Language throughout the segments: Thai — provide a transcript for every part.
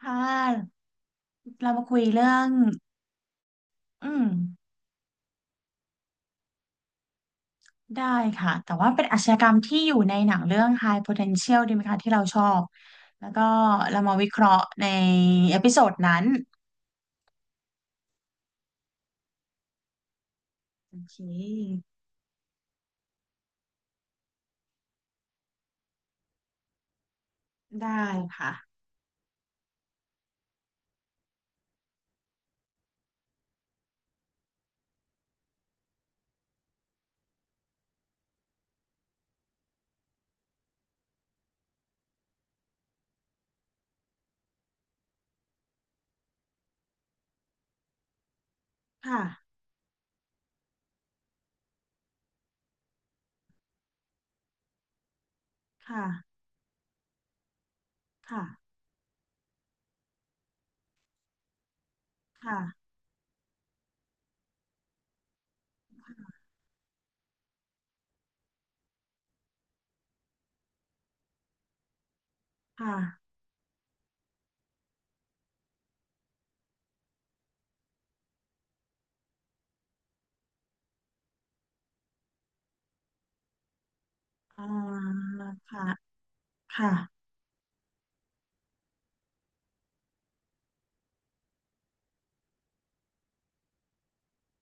ค่ะเรามาคุยเรื่อง อืม ได้ค่ะ แต่ว่าเป็นอาชญากรรมที่อยู่ในหนังเรื่อง High Potential ดีไหมคะที่เราชอบ แล้วก็เรามาวิเคราะห์ในเอพิโซดนั้นโอเคได้ค่ะค่ะค่ะค่ะค่ะค่ะอ่าค่ะค่ะ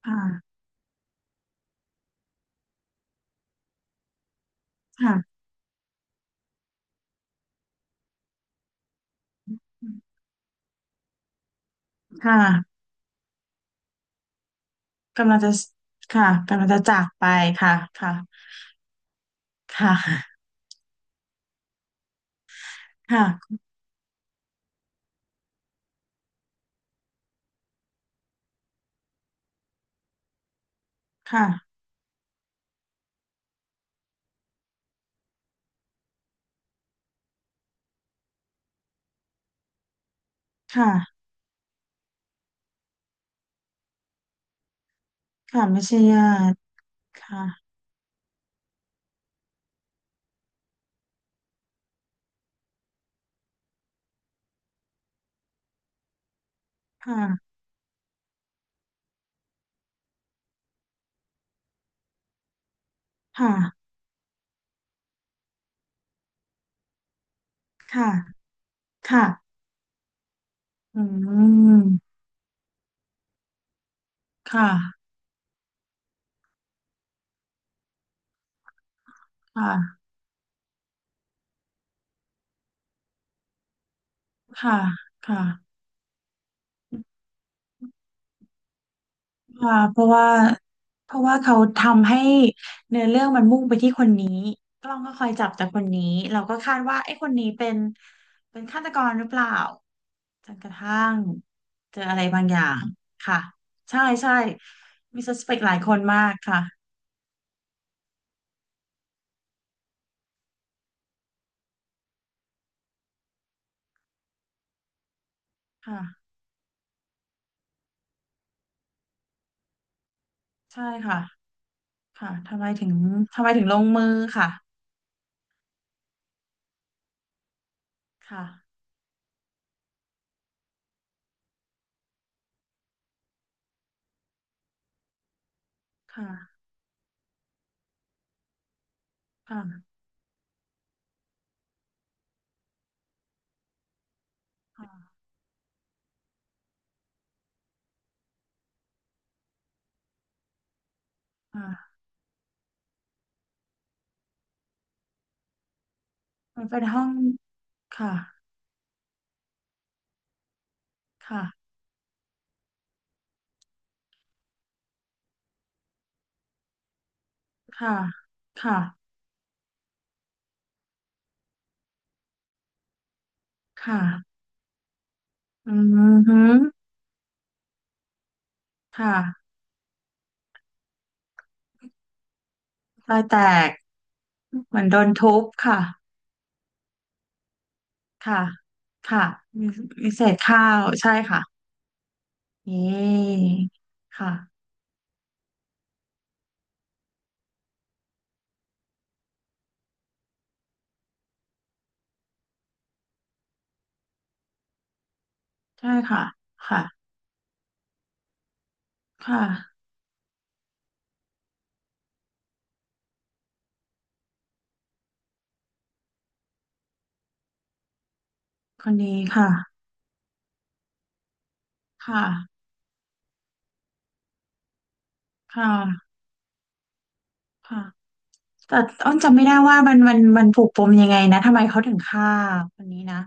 ค่ะค่ะค่ะ กำลังจะค่ะกำลังจะจากไปค่ะค่ะค่ะค่ะค่ะค่ะค่ะไม่ใช่ญาติ ค่ะ ค่ะ ค่ะ ค่ะค่ะอืมค่ะค่ะค่ะค่ะค่ะเพราะว่า เพราะว่าเขาทำให้เนื้อเรื่องมันมุ่งไปที่คนนี้กล้องก็คอยจับแต่คนนี้เราก็คาดว่าไอ้คนนี้เป็นฆาตกรหรือเปล่าจนกระทั่งเจออะไรบางอย่างค่ะใช่มีส s เป c t หลายคนมากค่ะค่ะใช่ค่ะค่ะทำไมถึงลงมือค่ะค่ะ ค่ะค่ะค่ะค่ะมันเป็นห้องค่ะค่ะค่ะค่ะค่ะอืมฮึค่ะรอยแตกเหมือนโดนทุบค่ะค่ะค่ะมีมีเศษข้าวใช่ค่ะนี่ค่ะใช่ค่ะค่ะค่ะคนนี้ค่ะค่ะค่ะค่ะแต่อ้นจำไม่ได้ว่ามันผูกปมยังไงนะทำไมเขาถึงฆ่าคนนี้นะ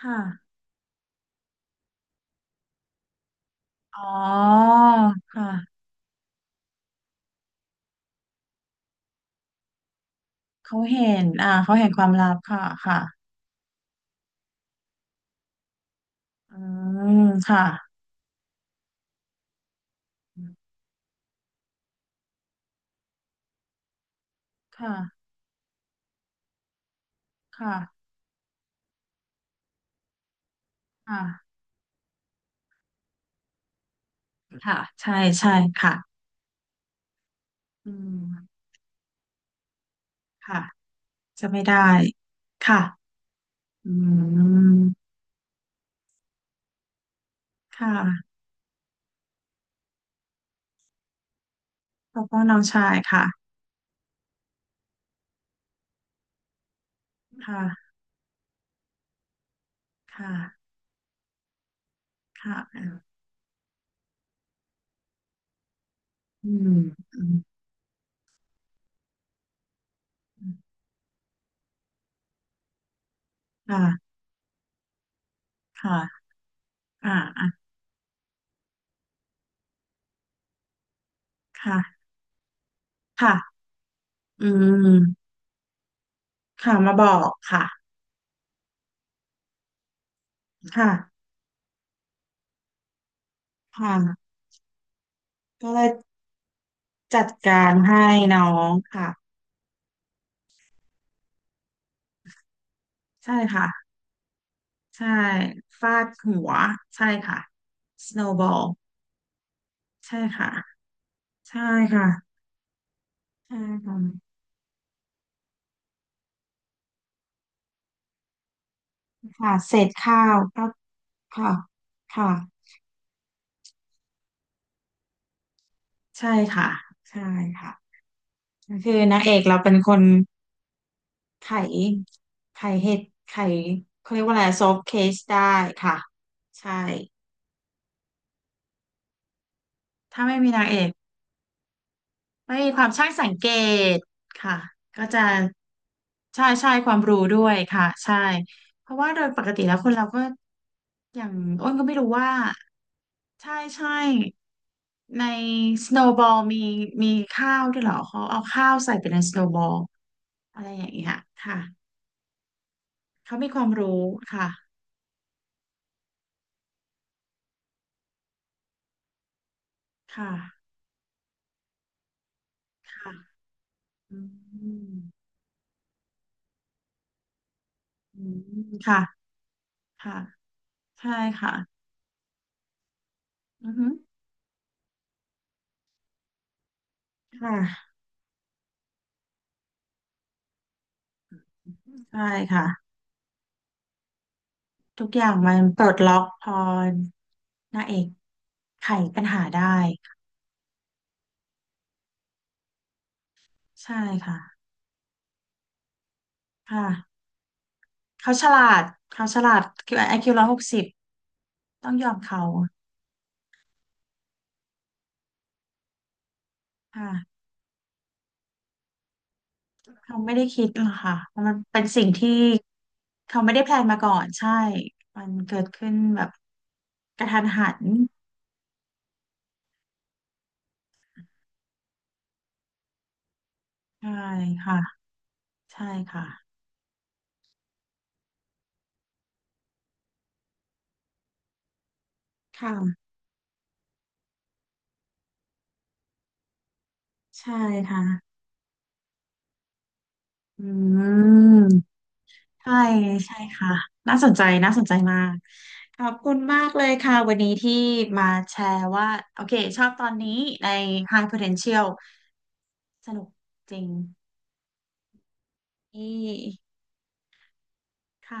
ค่ะ อ๋อค่ะเขาเห็นเขาเห็นความลับค่ะค่ะอืมค่ะค่ะค่ะค่ะค่ะใช่ค่ะอืมค่ะจะไม่ได้ค่ะอืมค่ะปกป้องน้องชายค่ะค่ะค่ะค่ะอืมอืมค่ะค่ะอ่าอ่ะค่ะค่ะอืมค่ะมาบอกค่ะค่ะค่ะก็เลย จัดการให้น้องค่ะใช่ค่ะใช่ฟาดหัวใช่ค่ะ snowball ใช่ค่ะใช่ค่ะใช่ค่ะค่ะเศษข้าวก็ค่ะค่ะใช่ค่ะใช่ค่ะก็คือนางเอกเราเป็นคนไขไขเขาเรียกว่าอะไร solve case ได้ค่ะใช่ถ้าไม่มีนางเอก ไม่มีความช่างสังเกตค่ะก็จะใช่ความรู้ด้วยค่ะใช่เพราะว่าโดยปกติแล้วคนเราก็อย่างอ้นก็ไม่รู้ว่าใช่ในสโน w b บอลมีข้าวด้วยเหรอเขาเอาข้าวใส่ไปในสโน w b บอลอะไรอย่างเงี้ยค่ะเขามีความรู้ค่ะค่ะค่ะอืมอืมค่ะค่ะใช่ค่ะอือฮึค่ะใช่ค่ะ ทุกอย่างมันปลดล็อกพอนางเอกไขปัญหาได้ใช่ค่ะค่ะเขาฉลาดเขาฉลาดไอคิว160ต้องยอมเขาค่ะเขาไม่ได้คิดหรอกค่ะเพราะมันเป็นสิ่งที่เขาไม่ได้แพลนมาก่อนใช่ มันเกิดขึ้นแบบกระทันหันใช่ค่ะใช่ค่ะค่ะใช่ค่ะอืม ใช่ใช่ค่ะน่าสนใจมากขอบคุณมากเลยค่ะวันนี้ที่มาแชร์ว่าโอเคชอบตอนนี้ใน High Potential สนุกจริงนี่ค่ะ